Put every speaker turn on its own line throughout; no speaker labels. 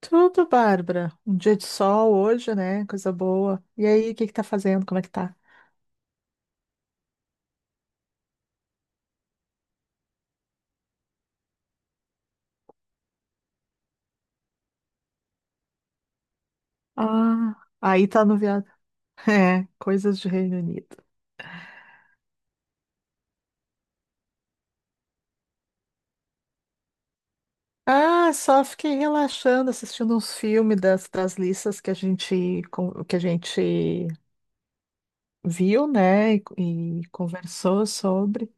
Tudo, Bárbara. Um dia de sol hoje, né? Coisa boa. E aí, o que que tá fazendo? Como é que tá? Ah, aí tá no viado. É, coisas de Reino Unido. Ah, só fiquei relaxando, assistindo uns filmes das listas que a gente viu, né? E, conversou sobre.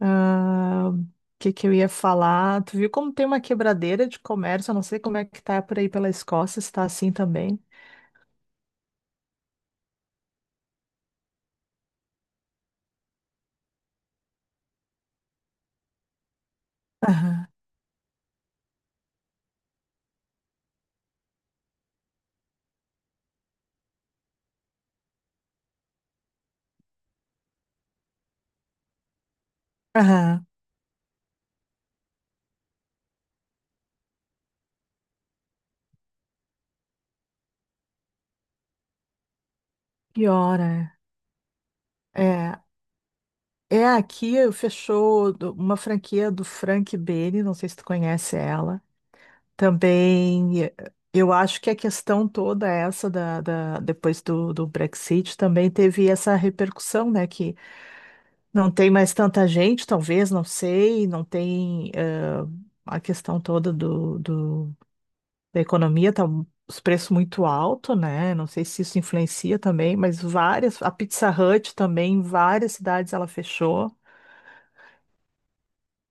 Ah, o que que eu ia falar? Tu viu como tem uma quebradeira de comércio? Eu não sei como é que tá por aí pela Escócia, se tá assim também. Aham, aham. Piora. É, é aqui fechou uma franquia do Frank Beni, não sei se tu conhece ela. Também eu acho que a questão toda essa da, depois do Brexit também teve essa repercussão, né? Que não tem mais tanta gente, talvez, não sei, não tem a questão toda do, da economia, tá os preços muito altos, né? Não sei se isso influencia também, mas várias, a Pizza Hut também, em várias cidades ela fechou.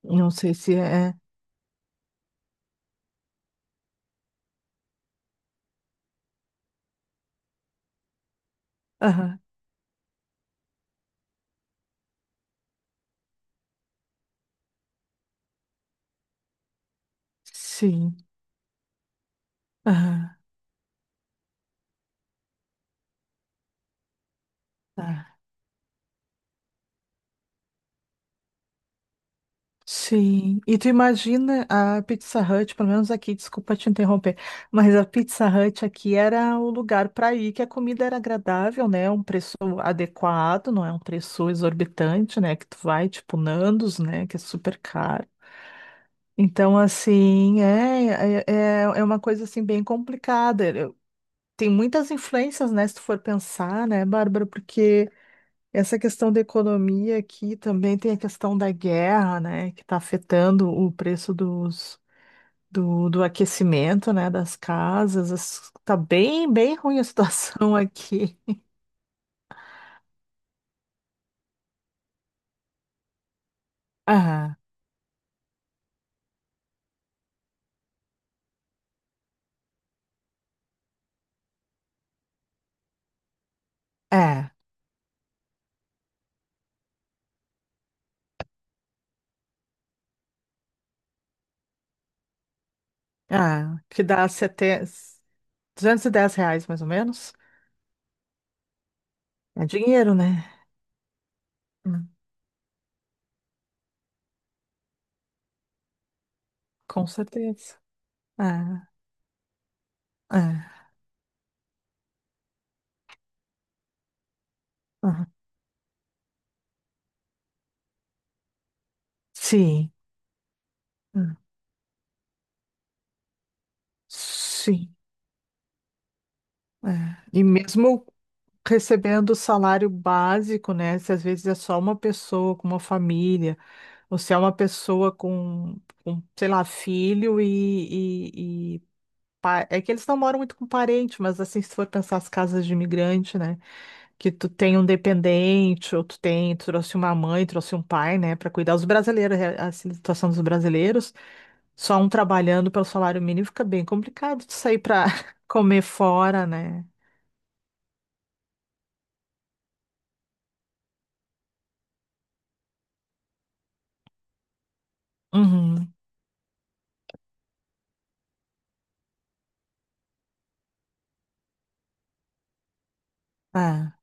Não sei se é. Aham, sim. Aham, tá. Sim. E tu imagina a Pizza Hut, pelo menos aqui, desculpa te interromper, mas a Pizza Hut aqui era o lugar para ir, que a comida era agradável, né? Um preço adequado, não é um preço exorbitante, né? Que tu vai, tipo, Nandos, né? Que é super caro. Então, assim, é uma coisa, assim, bem complicada. Tem muitas influências, né? Se tu for pensar, né, Bárbara? Porque essa questão da economia aqui também tem a questão da guerra, né, que está afetando o preço dos, do aquecimento, né, das casas. Tá bem, bem ruim a situação aqui. Ah, é, ah, que dá sete R$ 210 mais ou menos. É dinheiro, né? Hum, com certeza. Ah, ah, ah. Sim, hum, sim. É. E mesmo recebendo salário básico, né? Se às vezes é só uma pessoa com uma família, ou se é uma pessoa com, sei lá, filho é que eles não moram muito com parente, mas assim, se for pensar as casas de imigrante, né? Que tu tem um dependente, ou tu tem, tu trouxe uma mãe, trouxe um pai, né? Para cuidar os brasileiros, é a situação dos brasileiros, só um trabalhando pelo salário mínimo fica bem complicado de sair para comer fora, né? Uhum. Ah,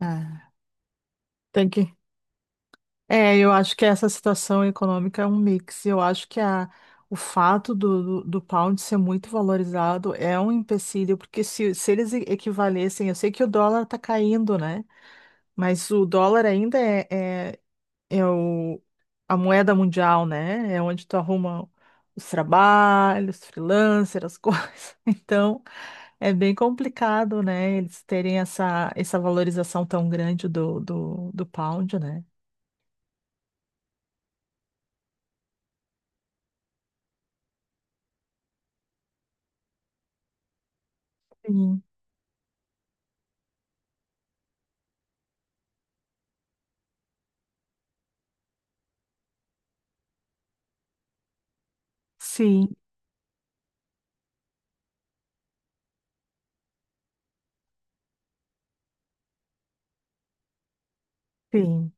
ah. Tem que é, eu acho que essa situação econômica é um mix. Eu acho que o fato do, do pound ser muito valorizado é um empecilho, porque se, eles equivalessem, eu sei que o dólar está caindo, né? Mas o dólar ainda é, é o, a moeda mundial, né? É onde tu arruma os trabalhos, freelancer, as coisas. Então, é bem complicado, né? Eles terem essa, valorização tão grande do, do pound, né? Sim. Sim. Sim,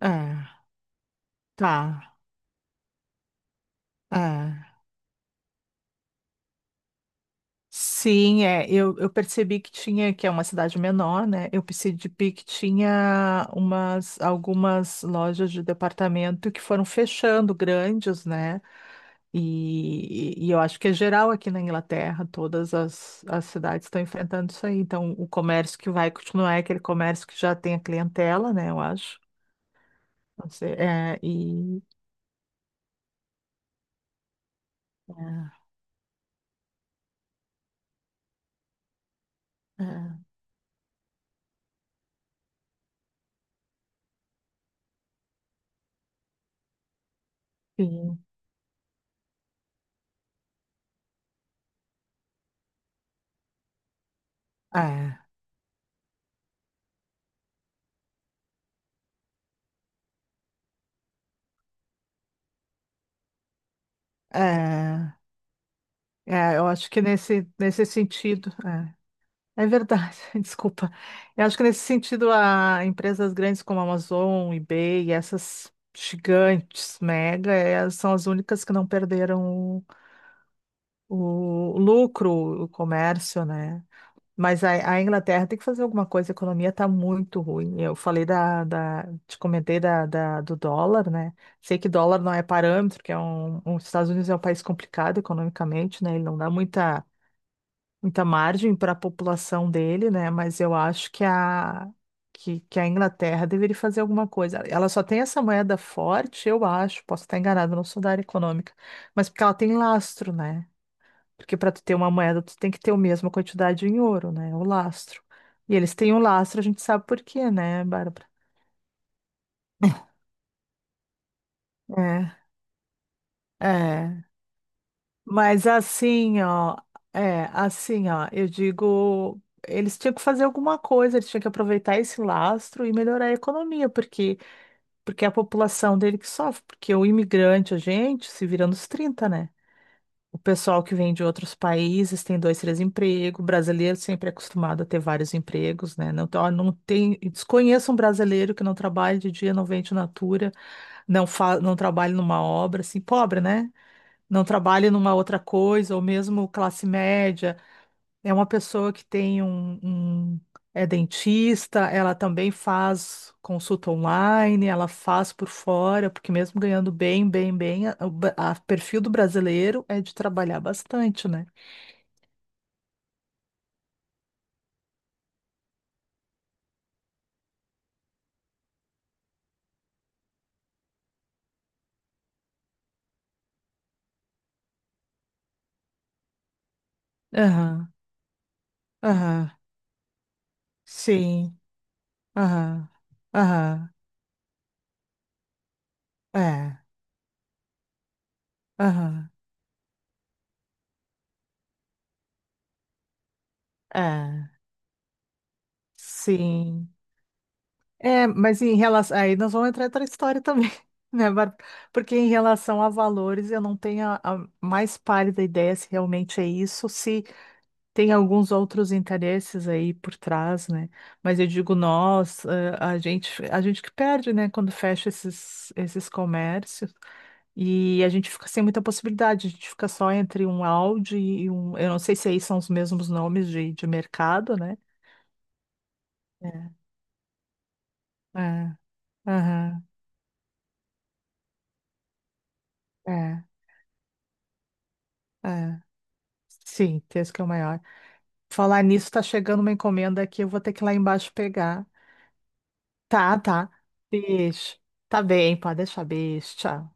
é, tá, é. Sim, é, eu percebi que tinha, que é uma cidade menor, né? Eu percebi que tinha umas, algumas lojas de departamento que foram fechando, grandes, né? E, eu acho que é geral aqui na Inglaterra, todas as, as cidades estão enfrentando isso aí. Então, o comércio que vai continuar é aquele comércio que já tem a clientela, né? Eu acho. Não sei, é, e... É, é, sim, é, é. É, eu acho que nesse, sentido, é verdade, desculpa. Eu acho que nesse sentido, a empresas grandes como a Amazon, eBay, e essas gigantes, mega, é, são as únicas que não perderam o, lucro, o comércio, né? Mas a Inglaterra tem que fazer alguma coisa, a economia está muito ruim. Eu falei da, te comentei da, do dólar, né? Sei que dólar não é parâmetro, que é um, os Estados Unidos é um país complicado economicamente, né? Ele não dá muita margem para a população dele, né? Mas eu acho que que a Inglaterra deveria fazer alguma coisa. Ela só tem essa moeda forte, eu acho, posso estar enganada, não sou da área econômica, mas porque ela tem lastro, né? Porque para tu ter uma moeda, tu tem que ter a mesma quantidade em ouro, né? O lastro. E eles têm o lastro, a gente sabe por quê, né, Bárbara? É, é. Mas assim, ó, é, assim, ó, eu digo, eles tinham que fazer alguma coisa, eles tinham que aproveitar esse lastro e melhorar a economia, porque, é a população dele que sofre, porque o imigrante, a gente, se vira nos trinta, né? O pessoal que vem de outros países tem dois, três empregos, o brasileiro sempre é acostumado a ter vários empregos, né? Não, ó, não tem, desconheço um brasileiro que não trabalhe de dia, não vende natura, não, não trabalhe numa obra, assim, pobre, né? Não trabalhe numa outra coisa, ou mesmo classe média, é uma pessoa que tem um, um- é dentista, ela também faz consulta online, ela faz por fora, porque mesmo ganhando bem, bem, bem, o perfil do brasileiro é de trabalhar bastante, né? Aham, aham, sim, aham, aham, é, aham, é, sim. É, mas em relação. Aí nós vamos entrar em outra história também, né, Bárbara? Porque em relação a valores, eu não tenho a, mais pálida ideia se realmente é isso, se tem alguns outros interesses aí por trás, né? Mas eu digo nós, a gente, que perde, né, quando fecha esses comércios e a gente fica sem muita possibilidade, a gente fica só entre um Audi e um. Eu não sei se aí são os mesmos nomes de mercado, né? É, é, aham, é, é. Sim, esse que é o maior. Falar nisso, tá chegando uma encomenda aqui, eu vou ter que ir lá embaixo pegar. Tá, tá. Beijo. Tá bem, pode deixar. Beijo. Tchau.